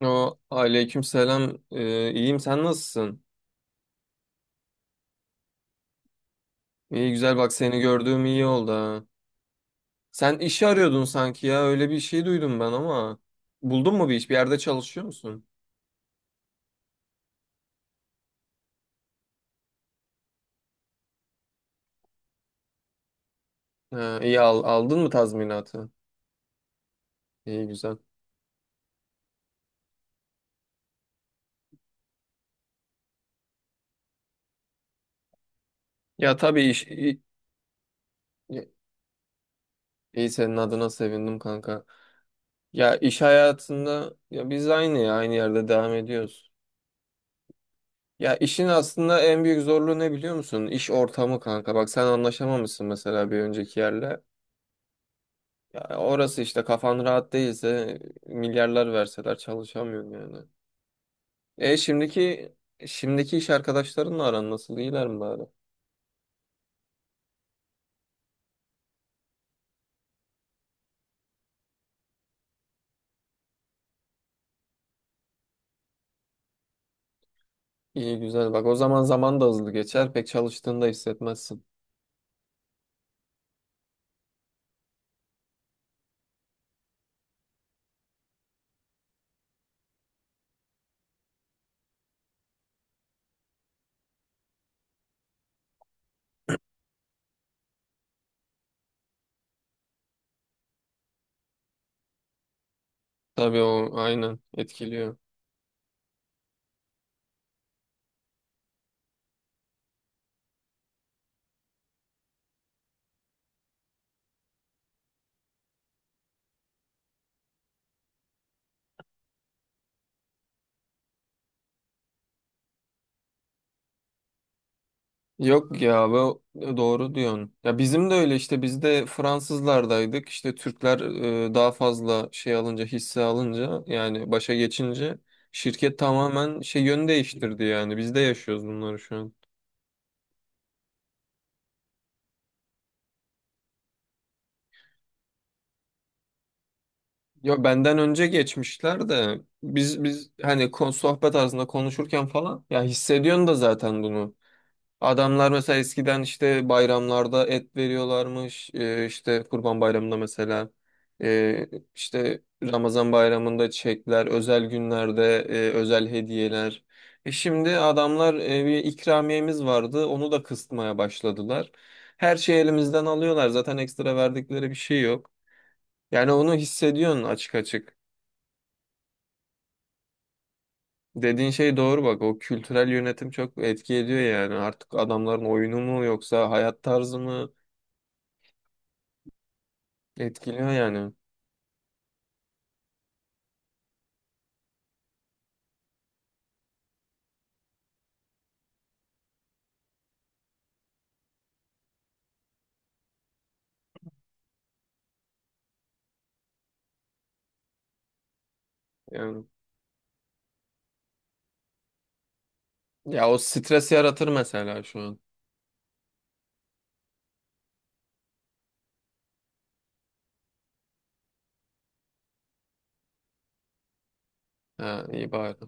O aleyküm selam. İyiyim sen nasılsın? İyi güzel, bak seni gördüğüm iyi oldu ha. Sen işi arıyordun sanki, ya öyle bir şey duydum ben ama. Buldun mu bir iş, bir yerde çalışıyor musun? Ha, iyi, aldın mı tazminatı? İyi güzel. Ya tabii iş iyi, iyi senin adına sevindim kanka. Ya iş hayatında ya biz aynı, ya aynı yerde devam ediyoruz. Ya işin aslında en büyük zorluğu ne biliyor musun? İş ortamı kanka. Bak sen anlaşamamışsın mesela bir önceki yerle. Ya orası işte, kafan rahat değilse milyarlar verseler çalışamıyorsun yani. E şimdiki Şimdiki iş arkadaşlarınla aran nasıl? İyiler mi bari? İyi güzel. Bak o zaman, zaman da hızlı geçer. Pek çalıştığında hissetmezsin. Tabii, o aynen etkiliyor. Yok ya abi o- Doğru diyorsun. Ya bizim de öyle işte, biz de Fransızlardaydık. İşte Türkler daha fazla şey alınca, hisse alınca, yani başa geçince şirket tamamen şey, yön değiştirdi yani. Biz de yaşıyoruz bunları şu an. Ya benden önce geçmişler de biz hani sohbet arasında konuşurken falan, ya hissediyorsun da zaten bunu. Adamlar mesela eskiden işte bayramlarda et veriyorlarmış. İşte Kurban Bayramı'nda mesela. Ee, işte Ramazan Bayramı'nda çekler, özel günlerde özel hediyeler. E şimdi adamlar, bir ikramiyemiz vardı. Onu da kısıtmaya başladılar. Her şeyi elimizden alıyorlar. Zaten ekstra verdikleri bir şey yok. Yani onu hissediyorsun, açık açık. Dediğin şey doğru, bak o kültürel yönetim çok etki ediyor yani, artık adamların oyunu mu yoksa hayat tarzı mı etkiliyor yani. Yani ya, o stres yaratır mesela şu an. Ha, iyi bari.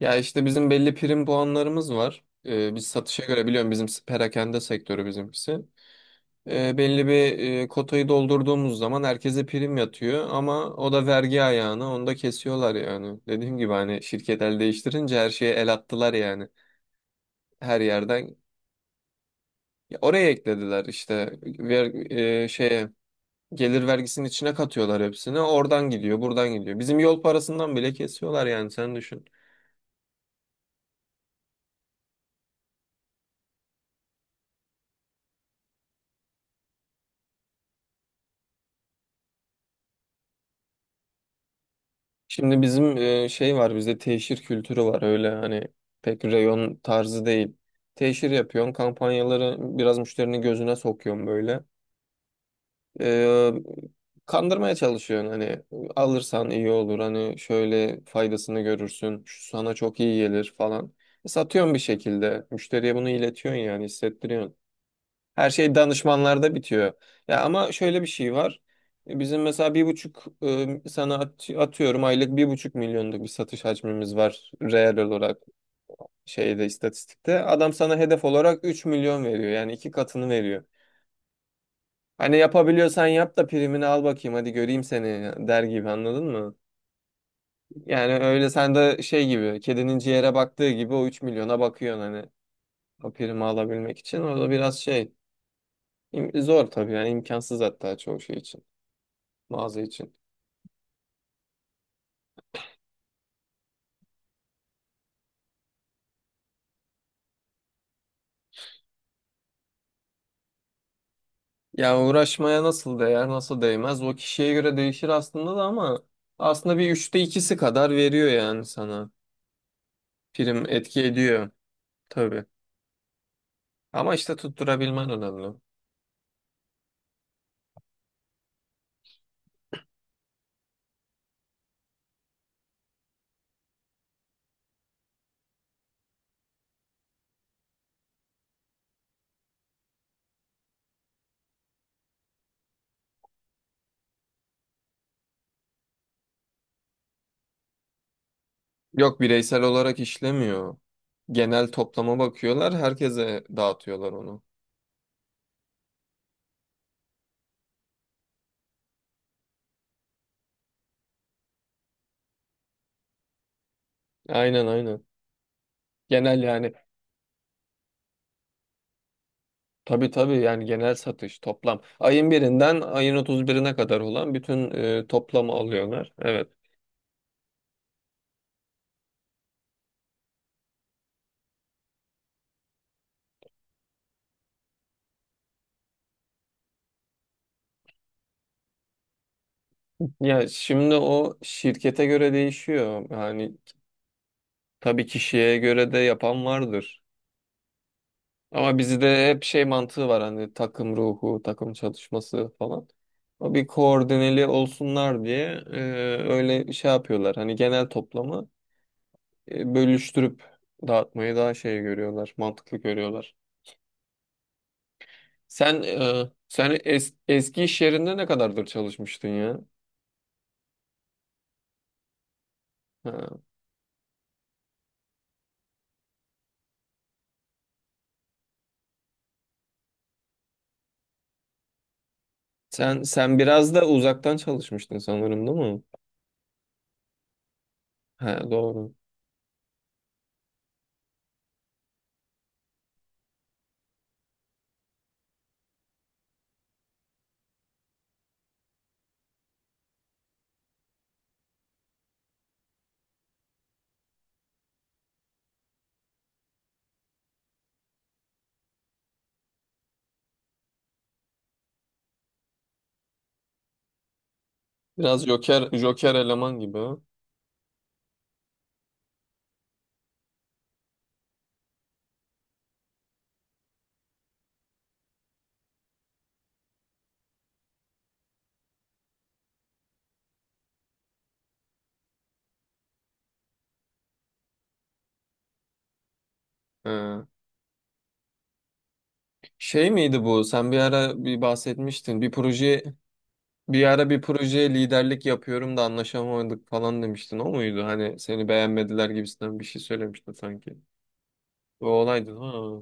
Ya işte bizim belli prim puanlarımız var. Biz satışa göre, biliyorum bizim perakende sektörü bizimkisi. Belli bir kotayı doldurduğumuz zaman herkese prim yatıyor, ama o da vergi ayağını, onu da kesiyorlar yani. Dediğim gibi hani şirket el değiştirince her şeye el attılar yani, her yerden oraya eklediler işte, şeye, gelir vergisinin içine katıyorlar hepsini. Oradan gidiyor, buradan gidiyor. Bizim yol parasından bile kesiyorlar yani, sen düşün. Şimdi bizim şey var, bizde teşhir kültürü var, öyle hani pek reyon tarzı değil. Teşhir yapıyorsun, kampanyaları biraz müşterinin gözüne sokuyorsun böyle. Ee, Kandırmaya çalışıyorsun, hani alırsan iyi olur, hani şöyle faydasını görürsün, şu sana çok iyi gelir falan. E, satıyorsun, bir şekilde müşteriye bunu iletiyorsun yani, hissettiriyorsun. Her şey danışmanlarda bitiyor. Ya ama şöyle bir şey var. E, bizim mesela sana atıyorum, aylık 1,5 milyonluk bir satış hacmimiz var reel olarak, şeyde, istatistikte. Adam sana hedef olarak 3 milyon veriyor, yani iki katını veriyor. Hani yapabiliyorsan yap da primini al bakayım, hadi göreyim seni der gibi, anladın mı? Yani öyle sen de şey gibi, kedinin ciğere baktığı gibi o 3 milyona bakıyorsun hani, o primi alabilmek için. O da biraz şey, zor tabii, yani imkansız hatta çoğu şey için, mağaza için. Yani uğraşmaya nasıl değer, nasıl değmez, o kişiye göre değişir aslında da, ama aslında bir üçte ikisi kadar veriyor yani sana, prim etki ediyor tabii. Ama işte tutturabilmen önemli. Yok, bireysel olarak işlemiyor. Genel toplama bakıyorlar, herkese dağıtıyorlar onu. Aynen, aynen. Genel yani, tabii yani, genel satış toplam. Ayın birinden ayın 31'ine kadar olan bütün toplamı alıyorlar. Evet. Ya şimdi o şirkete göre değişiyor. Yani tabii kişiye göre de yapan vardır. Ama bizde hep şey mantığı var, hani takım ruhu, takım çalışması falan. O bir koordineli olsunlar diye e, öyle şey yapıyorlar. Hani genel toplamı bölüştürüp dağıtmayı daha şey görüyorlar, mantıklı görüyorlar. Sen eski iş yerinde ne kadardır çalışmıştın ya? Ha. Sen biraz da uzaktan çalışmıştın sanırım, değil mi? He, doğru. Biraz joker joker eleman gibi. Ha? Şey miydi bu? Sen bir ara bir bahsetmiştin. Bir proje, bir ara bir projeye liderlik yapıyorum da anlaşamadık falan demiştin. O muydu? Hani seni beğenmediler gibisinden bir şey söylemiştin sanki. O olaydı. Ha.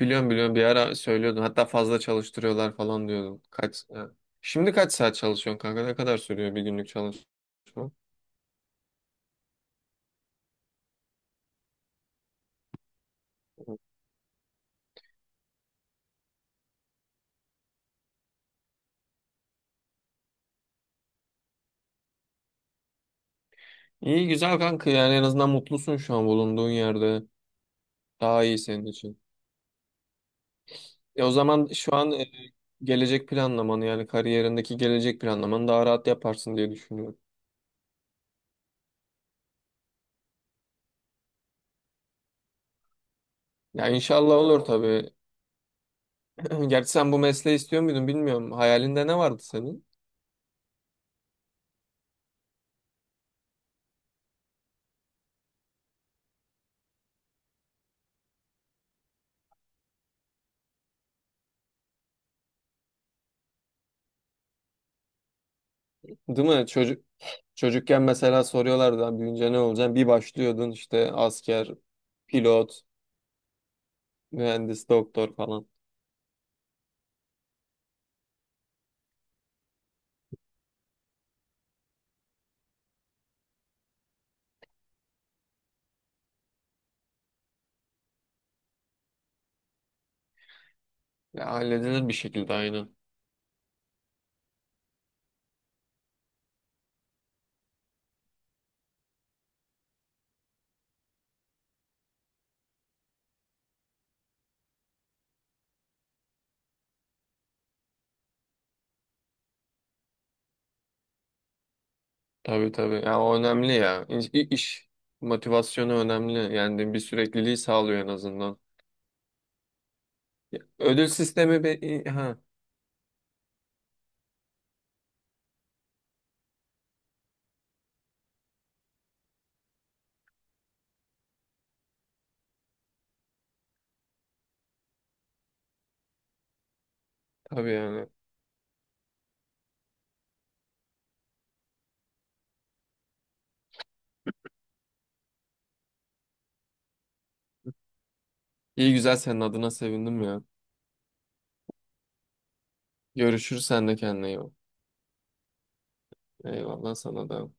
Biliyorum, biliyorum, bir ara söylüyordun. Hatta fazla çalıştırıyorlar falan diyordun. Kaç ha. Şimdi kaç saat çalışıyorsun kanka? Ne kadar sürüyor bir günlük çalışma? İyi güzel kanka, yani en azından mutlusun şu an bulunduğun yerde. Daha iyi senin için. O zaman şu an gelecek planlamanı, yani kariyerindeki gelecek planlamanı daha rahat yaparsın diye düşünüyorum. Ya inşallah olur tabii. Gerçi sen bu mesleği istiyor muydun bilmiyorum. Hayalinde ne vardı senin? Değil mi? Çocukken mesela soruyorlardı "Lan büyüyünce ne olacaksın?" Bir başlıyordun işte, asker, pilot, mühendis, doktor falan. Ya halledilir bir şekilde aynı. Tabii, tabii. Ya o önemli ya. İş motivasyonu önemli. Yani bir sürekliliği sağlıyor en azından. Ya, ödül sistemi ha. Tabii yani. İyi güzel, senin adına sevindim ya. Görüşürüz, sen de kendine iyi bak. Eyvallah sana da.